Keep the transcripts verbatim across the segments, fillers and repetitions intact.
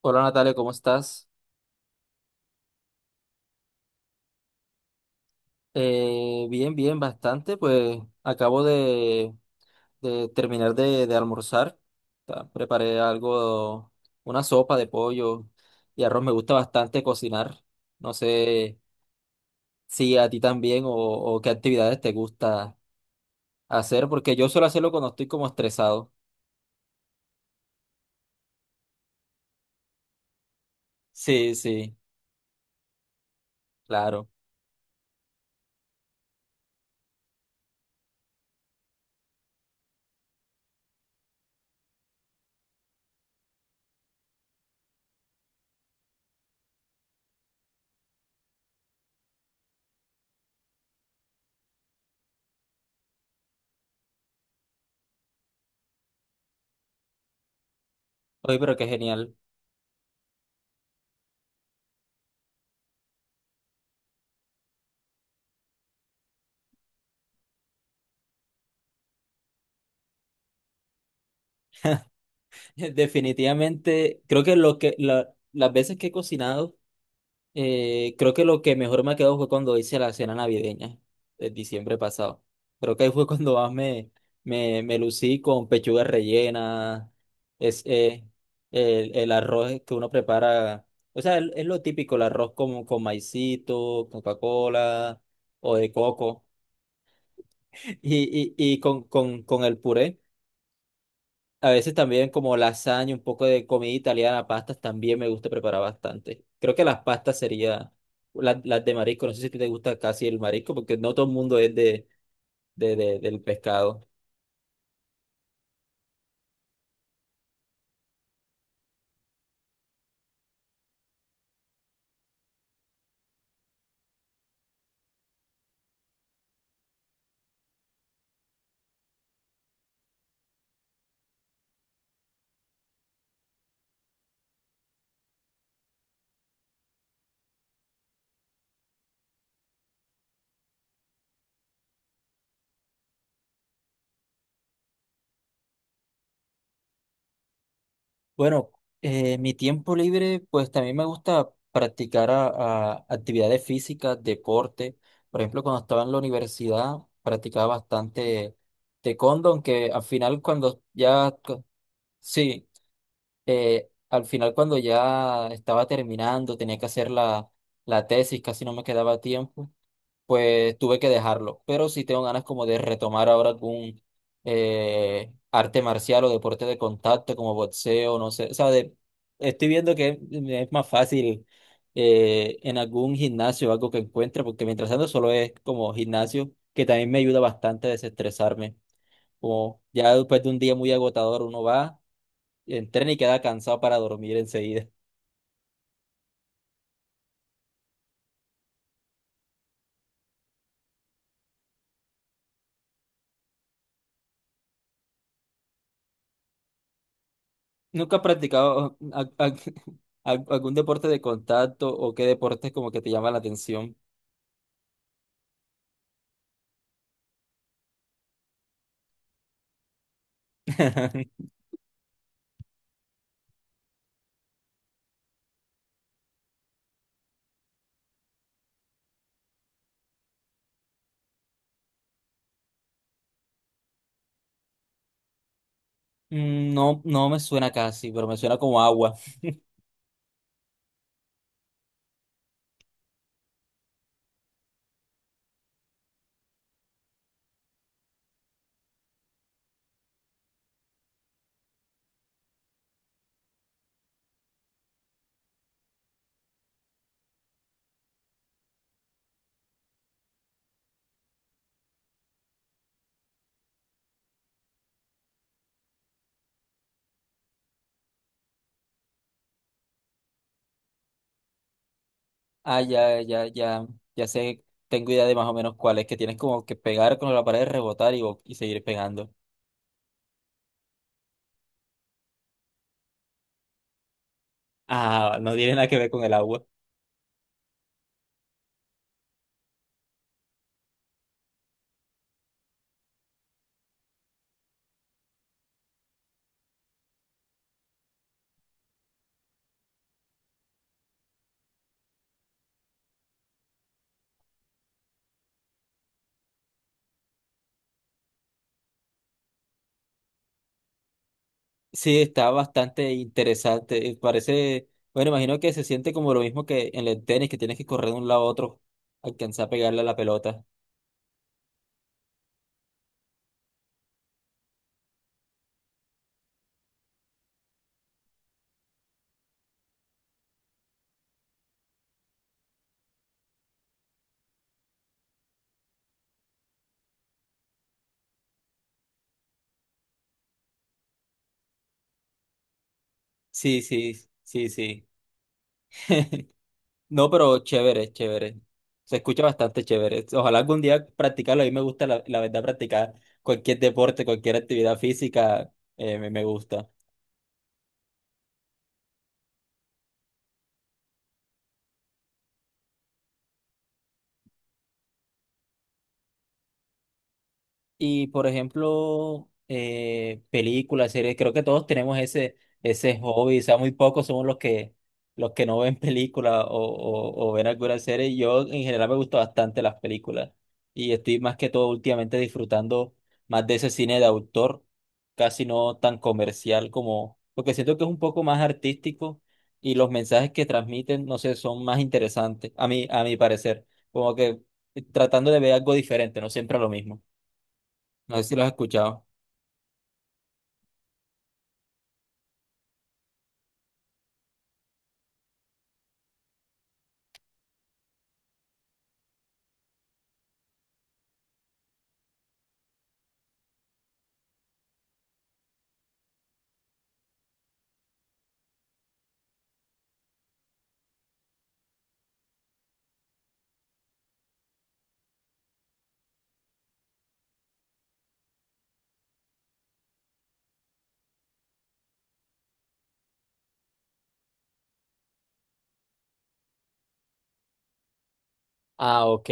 Hola Natalia, ¿cómo estás? Eh, bien, bien, bastante. Pues acabo de, de terminar de, de almorzar. Ta- Preparé algo, una sopa de pollo y arroz. Me gusta bastante cocinar. No sé si a ti también o, o qué actividades te gusta hacer, porque yo suelo hacerlo cuando estoy como estresado. Sí, sí, claro. Oye, pero qué genial. Definitivamente, creo que lo que la- las veces que he cocinado. Eh, creo que lo que mejor me quedó fue cuando hice la cena navideña de diciembre pasado. Creo que ahí fue cuando más me, me, me lucí con pechuga rellena, es, eh, el, el arroz que uno prepara. O sea, el- es lo típico, el arroz con, con maicito, Coca-Cola o de coco y, y, y con, con, con el puré. A veces también como lasaña, un poco de comida italiana, pastas también me gusta preparar bastante. Creo que las pastas sería las, las de marisco. No sé si a ti te gusta casi el marisco, porque no todo el mundo es de, de, de- del pescado. Bueno, eh, mi tiempo libre, pues también me gusta practicar a- a actividades físicas, deporte. Por ejemplo, cuando estaba en la universidad, practicaba bastante taekwondo, aunque al final cuando ya, co- sí, eh, al final cuando ya estaba terminando, tenía que hacer la, la tesis, casi no me quedaba tiempo, pues tuve que dejarlo. Pero sí tengo ganas como de retomar ahora algún eh, arte marcial o deporte de contacto como boxeo, no sé. O sea, de- estoy viendo que me es más fácil eh, en algún gimnasio o algo que encuentre, porque mientras tanto solo es como gimnasio, que también me ayuda bastante a desestresarme. Como ya después de un día muy agotador uno va. Entrena y queda cansado para dormir enseguida. ¿Nunca has practicado a- a- al- algún deporte de contacto o qué deportes como que te llama la atención? Mm, no, no me suena casi, pero me suena como agua. Ah, ya, ya, ya, ya sé, tengo idea de más o menos cuál es, que tienes como que pegar con la pared, rebotar y, bo- y seguir pegando. Ah, no tiene nada que ver con el agua. Sí, está bastante interesante. eh, Parece, bueno, imagino que se siente como lo mismo que en el tenis, que tienes que correr de un lado a otro, alcanzar a pegarle a la pelota. Sí, sí, sí, sí. No, pero chévere, chévere. Se escucha bastante chévere. Ojalá algún día practicarlo. A mí me gusta, la, la verdad, practicar cualquier deporte, cualquier actividad física, eh, me, me gusta. Y por ejemplo, eh, películas, series, creo que todos tenemos ese, ese hobby, o sea, muy pocos somos los que, los que no ven películas o, o, o ven alguna serie. Yo en general me gustan bastante las películas y estoy más que todo últimamente disfrutando más de ese cine de autor, casi no tan comercial como, porque siento que es un poco más artístico y los mensajes que transmiten, no sé, son más interesantes, a mí, a mi parecer, como que eh, tratando de ver algo diferente, no siempre lo mismo. No sé si lo has escuchado. Ah, ok.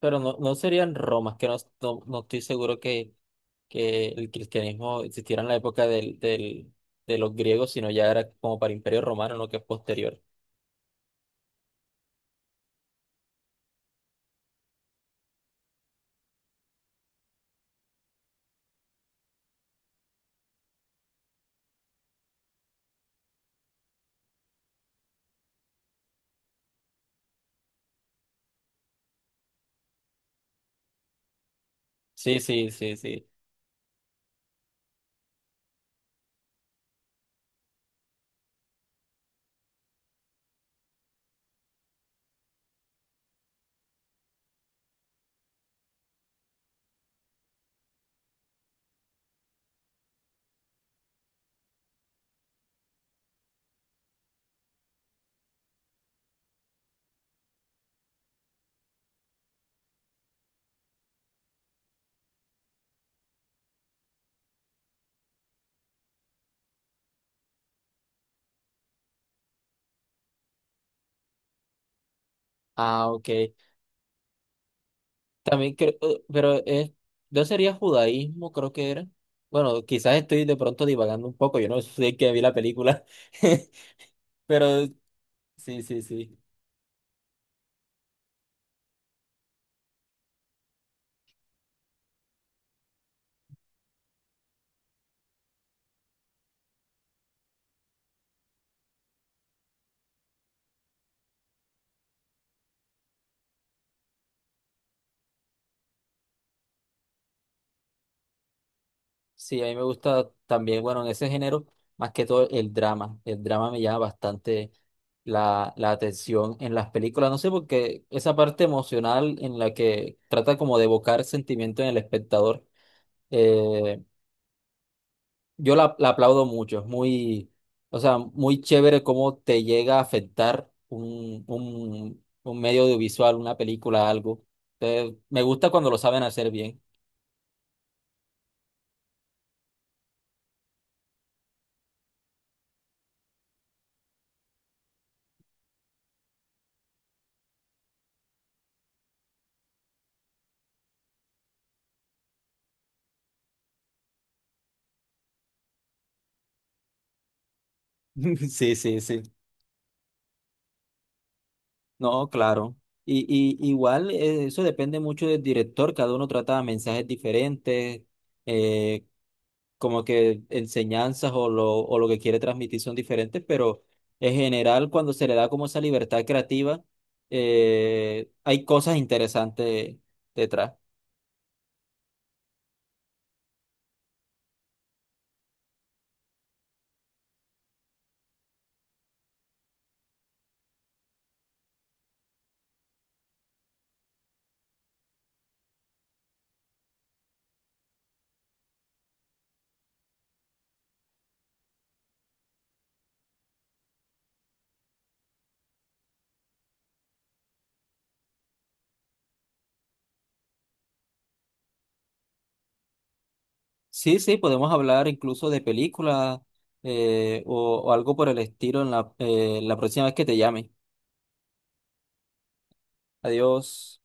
Pero no, no serían romas, que no, no, no estoy seguro que, que el cristianismo existiera en la época del, del, de los griegos, sino ya era como para Imperio Romano, lo que es posterior. Sí, sí, sí, sí. Ah, ok. También creo, eh, pero es, no sería judaísmo, creo que era. Bueno, quizás estoy de pronto divagando un poco, yo no sé que vi la película, pero sí, sí, sí. Sí, a mí me gusta también, bueno, en ese género, más que todo el drama. El drama me llama bastante la, la atención en las películas. No sé, porque esa parte emocional en la que trata como de evocar sentimiento en el espectador, eh, yo la, la aplaudo mucho. Es muy, o sea, muy chévere cómo te llega a afectar un, un, un medio audiovisual, una película, algo. Entonces, me gusta cuando lo saben hacer bien. Sí, sí, sí. No, claro. Y, y igual eh, eso depende mucho del director, cada uno trata mensajes diferentes, eh, como que enseñanzas o lo, o lo que quiere transmitir son diferentes, pero en general cuando se le da como esa libertad creativa, eh, hay cosas interesantes detrás. Sí, sí, podemos hablar incluso de películas eh, o, o algo por el estilo en la, eh, la próxima vez que te llame. Adiós.